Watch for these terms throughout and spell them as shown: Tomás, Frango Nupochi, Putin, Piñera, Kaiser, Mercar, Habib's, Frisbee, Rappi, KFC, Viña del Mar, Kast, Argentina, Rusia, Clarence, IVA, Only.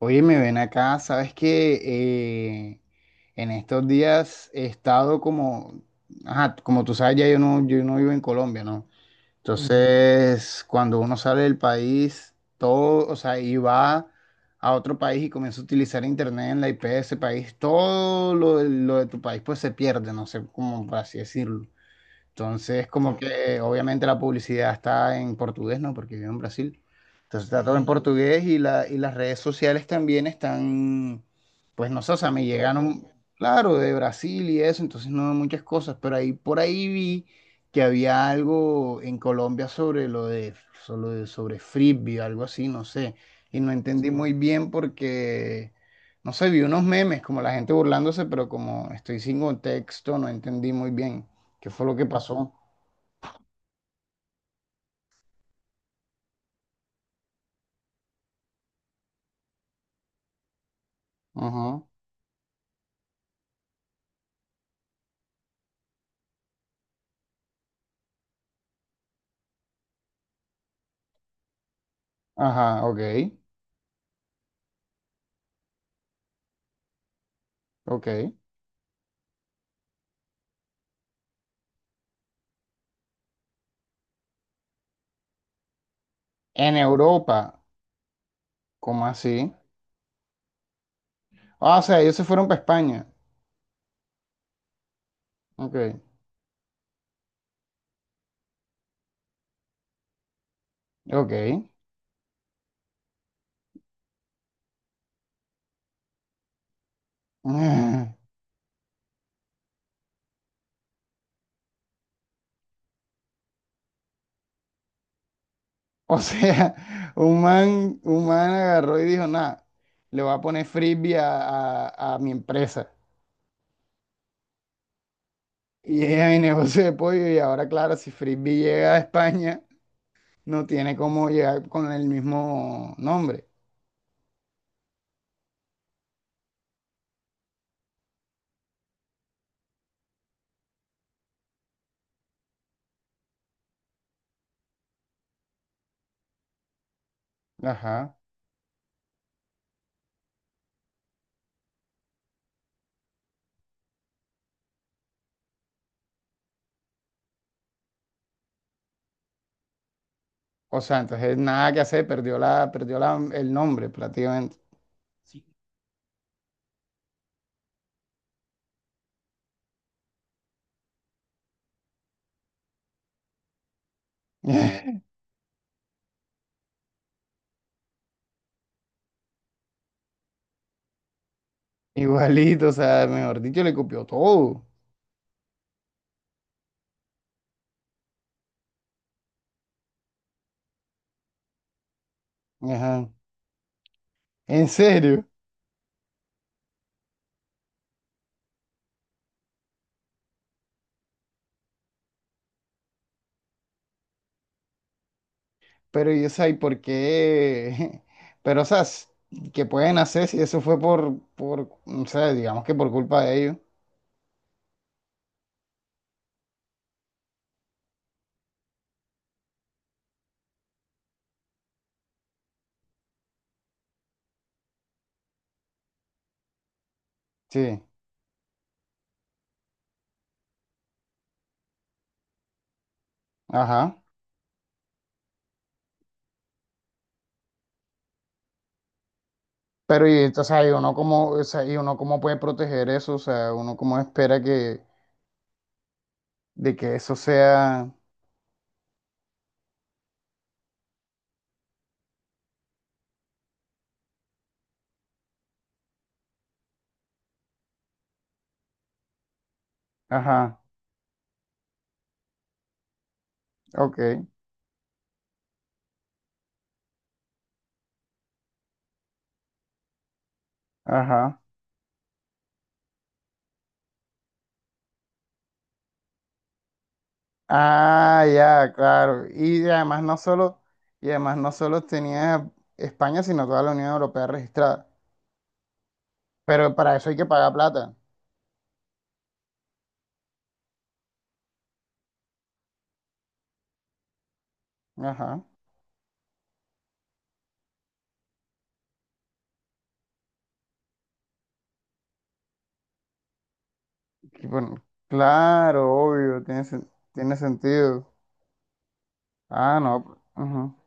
Oye, me ven acá, sabes que eh, en estos días he estado como, ajá, como tú sabes, ya yo no vivo en Colombia, ¿no? Ujú. Entonces, cuando uno sale del país, todo, o sea, y va a otro país y comienza a utilizar internet en la IP de ese país, todo lo de tu país pues se pierde, no sé cómo por así decirlo. Entonces, como que obviamente la publicidad está en portugués, ¿no? Porque vivo en Brasil. Entonces está todo en portugués y las redes sociales también están, pues no sé, o sea, me llegaron, claro, de Brasil y eso, entonces no muchas cosas, pero ahí por ahí vi que había algo en Colombia sobre lo de, sobre Frisbee, algo así, no sé, y no entendí muy bien porque, no sé, vi unos memes, como la gente burlándose, pero como estoy sin contexto, no entendí muy bien. ¿Qué fue lo que pasó? Ajá, ajá, ok, ok. En Europa, ¿cómo así? Ah, o sea, ellos se fueron para España. Ok, ok. O sea, un man agarró y dijo, nada, le voy a poner frisbee a mi empresa. Y es mi negocio de pollo y ahora, claro, si frisbee llega a España, no tiene cómo llegar con el mismo nombre. Ajá. O sea, entonces nada que hacer, perdió el nombre prácticamente. Igualito, o sea, mejor dicho, le copió todo. Ajá. En serio. Pero yo sé, ¿y por qué? Pero, o sea, ¿qué pueden hacer si eso fue por, o sea, digamos que por culpa de ellos? Sí. Ajá. Pero, y, esto, o sea, y uno cómo, o sea, y uno cómo puede proteger eso, o sea, uno cómo espera que, de que eso sea. Ajá. Ok. Ajá. Ah, ya, claro. Y además no solo tenía España, sino toda la Unión Europea registrada. Pero para eso hay que pagar plata. Ajá. Y bueno, claro, obvio, tiene sentido. Ah, no. Ujú,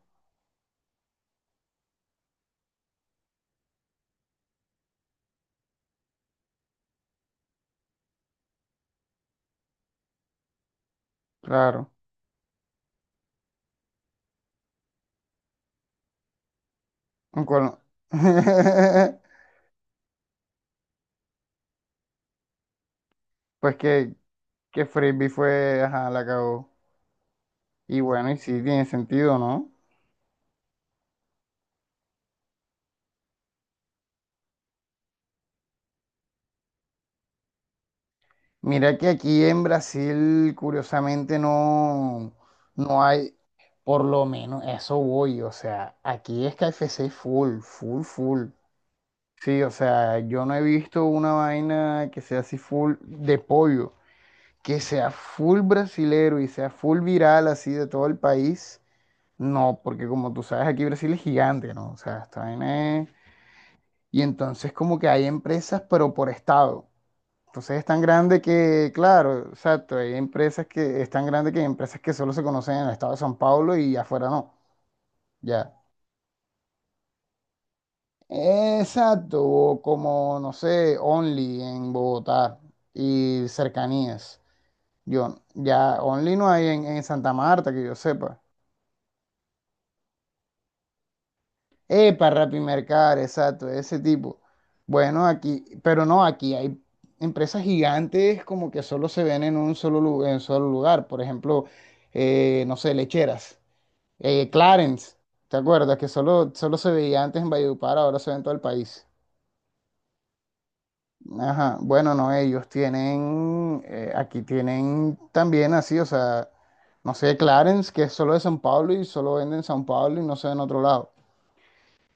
claro. Un colo- Pues que Frisbee fue, ajá, la cagó. Y bueno, y sí, tiene sentido, ¿no? Mira que aquí en Brasil, curiosamente, no, no hay. Por lo menos eso voy, o sea, aquí es KFC full, full, full. Sí, o sea, yo no he visto una vaina que sea así full de pollo, que sea full brasilero y sea full viral así de todo el país. No, porque como tú sabes, aquí Brasil es gigante, ¿no? O sea, esta vaina es- Y entonces como que hay empresas, pero por estado. Entonces es tan grande que, claro, exacto, hay empresas que es tan grande que hay empresas que solo se conocen en el estado de San Paulo y afuera no. Ya. Exacto, o como no sé, Only en Bogotá y cercanías. Yo, ya Only no hay en Santa Marta, que yo sepa. Epa Rappi Mercar, exacto, ese tipo. Bueno, aquí, pero no, aquí hay empresas gigantes como que solo se ven en en solo lugar. Por ejemplo, no sé, lecheras. Clarence, ¿te acuerdas? Que solo se veía antes en Valledupar, ahora se ve en todo el país. Ajá, bueno, no, ellos tienen, aquí tienen también así, o sea, no sé, Clarence, que es solo de San Pablo y solo vende en San Pablo y no se ve en otro lado.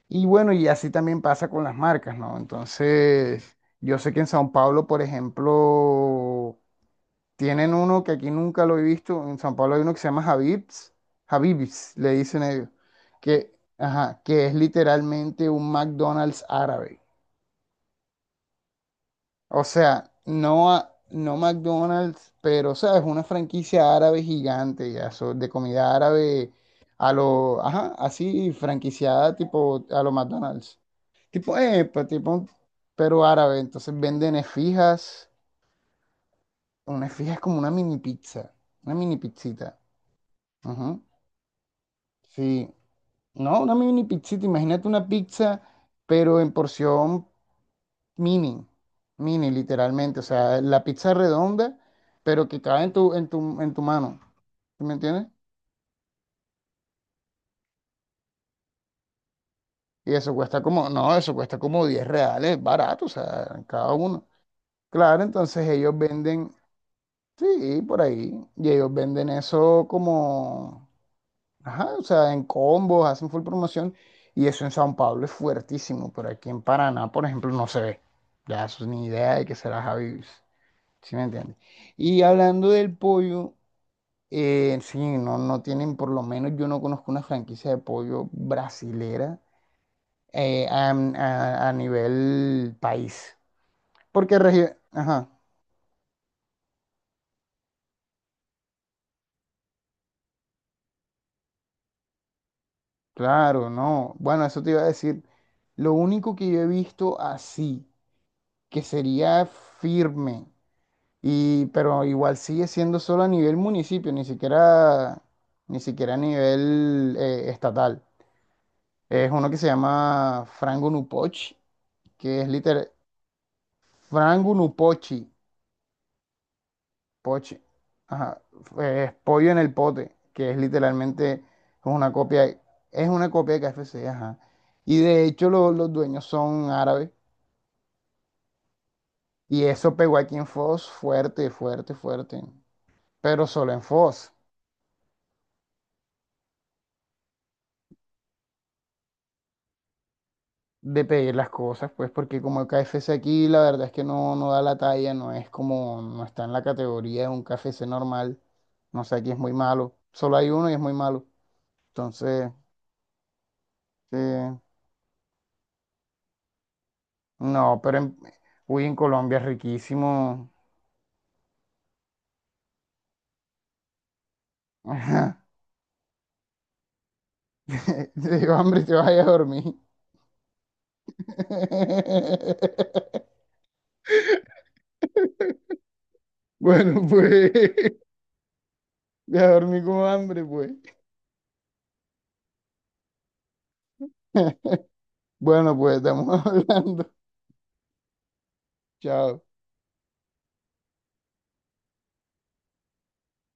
Y bueno, y así también pasa con las marcas, ¿no? Entonces, yo sé que en San Pablo, por ejemplo, tienen uno que aquí nunca lo he visto, en San Pablo hay uno que se llama Habib's, Habib's, le dicen ellos, que, ajá, que es literalmente un McDonald's árabe. O sea, no, no McDonald's, pero, ¿sabes? Una franquicia árabe gigante, ya, de comida árabe a lo, ajá, así, franquiciada tipo a lo McDonald's. Tipo, pero árabe. Entonces venden esfijas. Una esfija es como una mini pizza, una mini pizzita. Ujú. Sí, no, una mini pizzita. Imagínate una pizza, pero en porción, mini, mini literalmente, o sea, la pizza redonda, pero que cabe en tu mano, ¿sí me entiendes? Y eso cuesta como, no, eso cuesta como 10 reales, barato, o sea, cada uno. Claro, entonces ellos venden, sí, por ahí, y ellos venden eso como, ajá, o sea, en combos, hacen full promoción, y eso en San Pablo es fuertísimo, pero aquí en Paraná, por ejemplo, no se ve. Ya, eso ni idea de que será Javi, ¿sí me entiendes? Y hablando del pollo, sí, no, no tienen, por lo menos yo no conozco una franquicia de pollo brasilera a nivel país. Porque, ajá, claro, no. Bueno, eso te iba a decir. Lo único que yo he visto así, que sería firme, y, pero igual sigue siendo solo a nivel municipio, ni siquiera a nivel estatal. Es uno que se llama Frango Nupochi, que es literal, Frango Nupochi Poch, ajá. Pollo en el pote, que es literalmente una copia, una copia de KFC, ajá. Y de hecho los dueños son árabes. Y eso pegó aquí en Foz fuerte, fuerte, fuerte. Pero solo en Foz, de pedir las cosas, pues, porque como el KFC aquí, la verdad es que no, no da la talla, no es como, no está en la categoría de un KFC normal. No sé, aquí es muy malo. Solo hay uno y es muy malo. Entonces, sí. No, pero en, uy, en Colombia es riquísimo. Ajá. Te digo, hambre, te vaya a dormir. Bueno, pues, voy a dormir con hambre, pues. Bueno, pues, estamos hablando. Chao.